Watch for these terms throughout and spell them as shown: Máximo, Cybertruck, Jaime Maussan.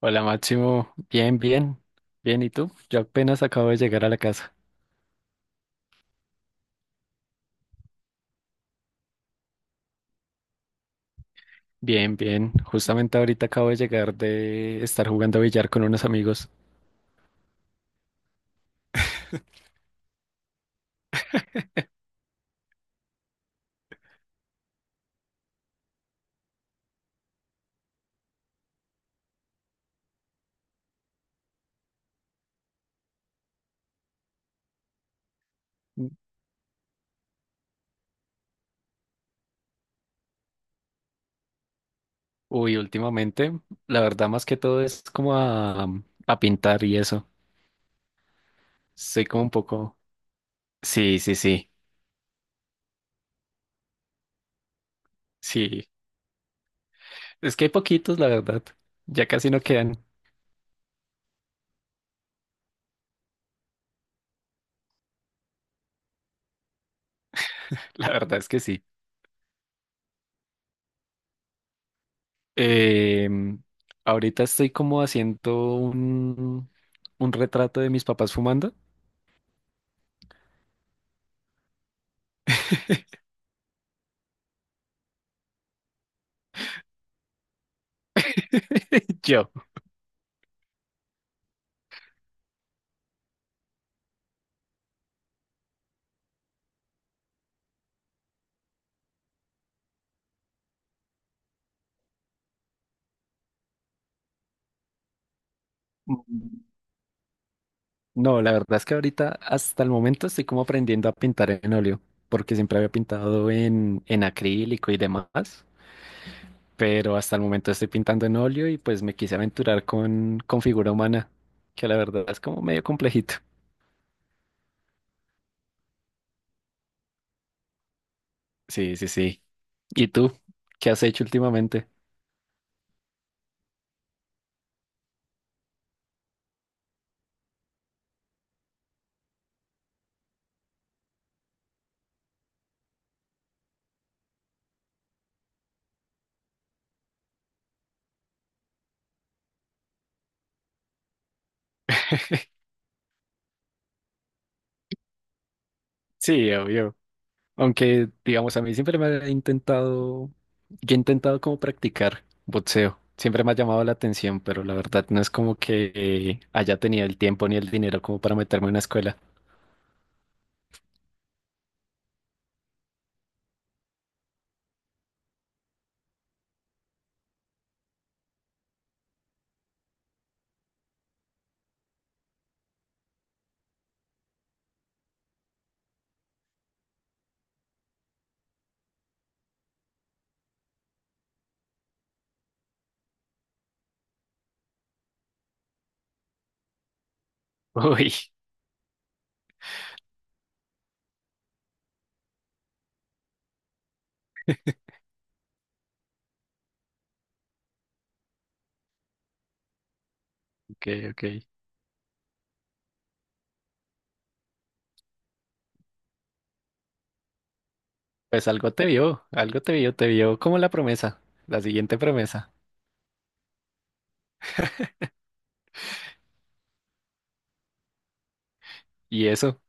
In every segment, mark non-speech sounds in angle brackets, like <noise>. Hola Máximo, bien, bien, bien, ¿y tú? Yo apenas acabo de llegar a la casa. Bien, bien, justamente ahorita acabo de llegar de estar jugando billar con unos amigos. Uy, últimamente, la verdad más que todo es como a pintar y eso. Soy como un poco. Sí, sí, sí, sí. Es que hay poquitos, la verdad. Ya casi no quedan. <laughs> La verdad es que sí. Em, Ahorita estoy como haciendo un retrato de mis papás fumando. <laughs> <laughs> Yo. Mm, No, la verdad es que ahorita, hasta el momento, estoy como aprendiendo a pintar en óleo, porque siempre había pintado en acrílico y demás, pero hasta el momento estoy pintando en óleo y pues me quise aventurar con figura humana, que la verdad es como medio complejito. Sí, sí, sí. ¿Y tú? ¿Qué has hecho últimamente? Sí, obvio. Aunque, digamos, a mí siempre me ha intentado, yo he intentado como practicar boxeo. Siempre me ha llamado la atención, pero la verdad no es como que haya tenido el tiempo ni el dinero como para meterme en una escuela. <laughs> Uy, ok, ok. Pues algo te vio como la promesa, la siguiente promesa. Y eso,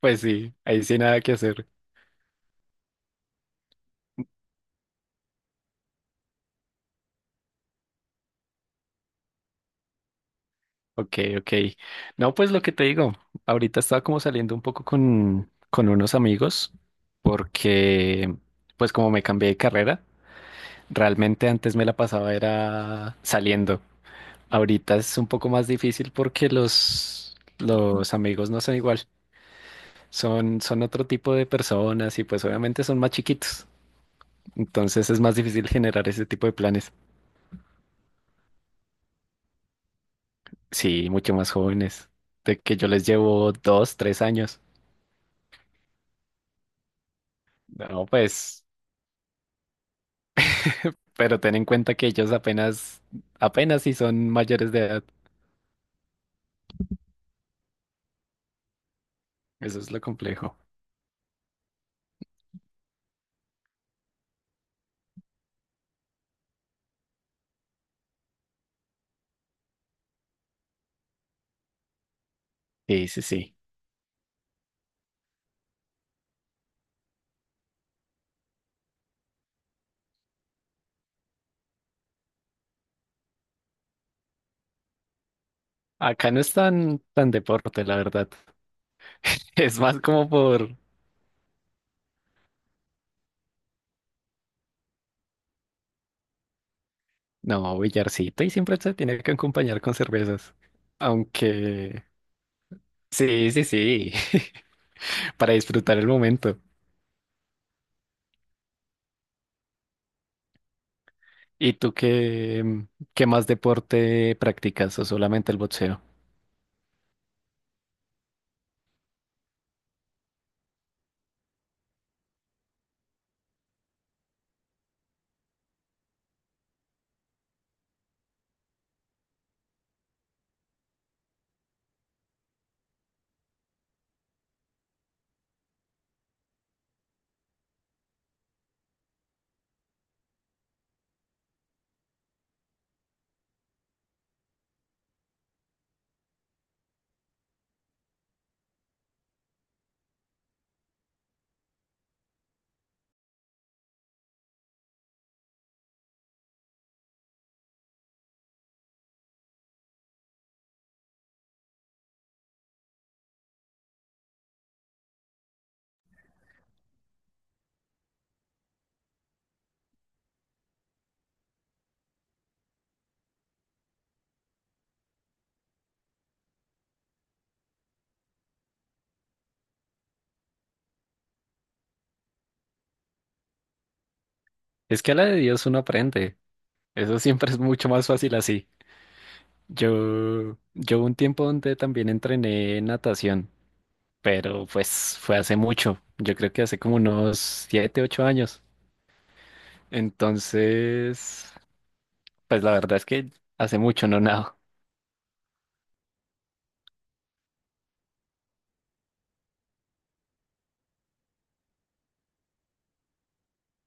pues sí, ahí sí nada que hacer. Ok, ok. No, pues lo que te digo, ahorita estaba como saliendo un poco con unos amigos porque, pues como me cambié de carrera. Realmente antes me la pasaba era saliendo. Ahorita es un poco más difícil porque los amigos no son igual. Son otro tipo de personas y pues obviamente son más chiquitos. Entonces es más difícil generar ese tipo de planes. Sí, mucho más jóvenes. De que yo les llevo 2, 3 años. No, pues, pero ten en cuenta que ellos apenas, apenas si son mayores de edad. Eso es lo complejo. Sí, sí, sí. Acá no es tan deporte, la verdad. Es más como no, billarcito y siempre se tiene que acompañar con cervezas. Aunque, sí, sí, sí, <laughs> para disfrutar el momento. ¿Y tú qué, qué más deporte practicas o solamente el boxeo? Es que a la de Dios uno aprende. Eso siempre es mucho más fácil así. Yo hubo un tiempo donde también entrené natación, pero pues fue hace mucho. Yo creo que hace como unos 7, 8 años. Entonces, pues la verdad es que hace mucho no nado.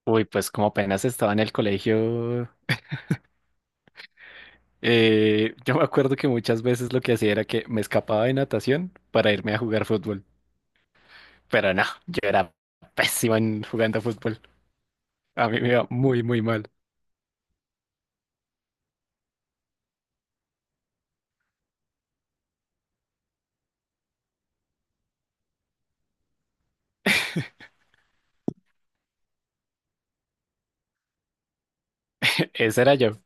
Uy, pues como apenas estaba en el colegio, <laughs> yo me acuerdo que muchas veces lo que hacía era que me escapaba de natación para irme a jugar fútbol. Pero no, yo era pésimo en jugando fútbol. A mí me iba muy, muy mal. <laughs> Ese era yo.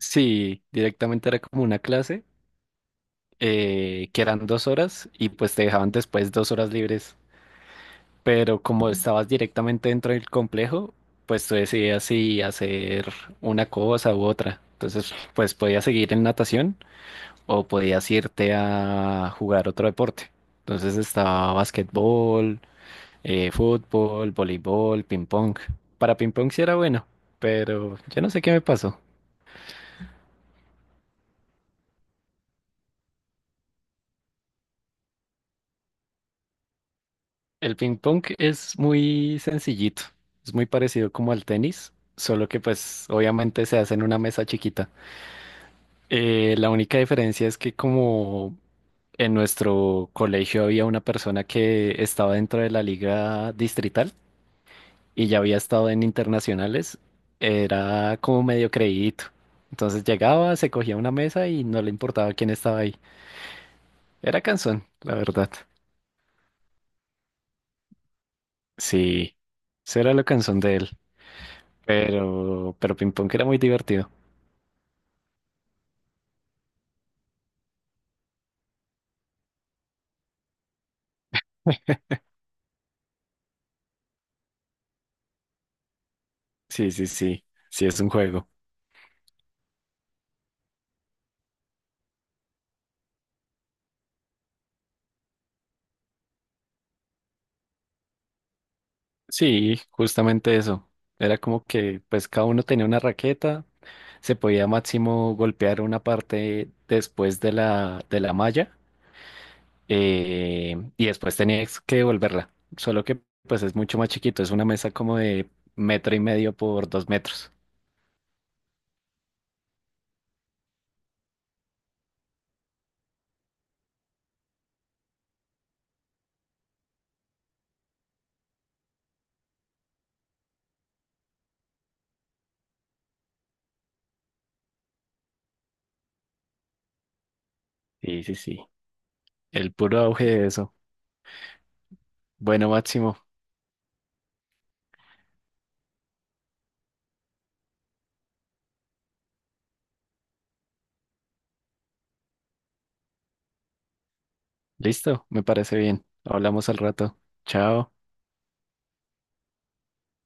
Sí, directamente era como una clase, que eran 2 horas y pues te dejaban después 2 horas libres. Pero como estabas directamente dentro del complejo, pues tú decidías si hacer una cosa u otra. Entonces, pues podías seguir en natación o podías irte a jugar otro deporte. Entonces estaba basquetbol, fútbol, voleibol, ping pong. Para ping pong sí era bueno, pero yo no sé qué me pasó. El ping pong es muy sencillito, es muy parecido como al tenis, solo que pues obviamente se hace en una mesa chiquita. La única diferencia es que como en nuestro colegio había una persona que estaba dentro de la liga distrital y ya había estado en internacionales, era como medio creídito. Entonces llegaba, se cogía una mesa y no le importaba quién estaba ahí. Era cansón, la verdad. Sí, eso era lo cansón de él. Pero, ping pong era muy divertido. Sí, sí, sí. Sí, es un juego. Sí, justamente eso. Era como que pues cada uno tenía una raqueta. Se podía máximo golpear una parte después de la malla, y después tenías que devolverla. Solo que pues es mucho más chiquito, es una mesa como de metro y medio por 2 metros. Sí, sí, sí. El puro auge de eso. Bueno, Máximo. Listo, me parece bien. Hablamos al rato. Chao.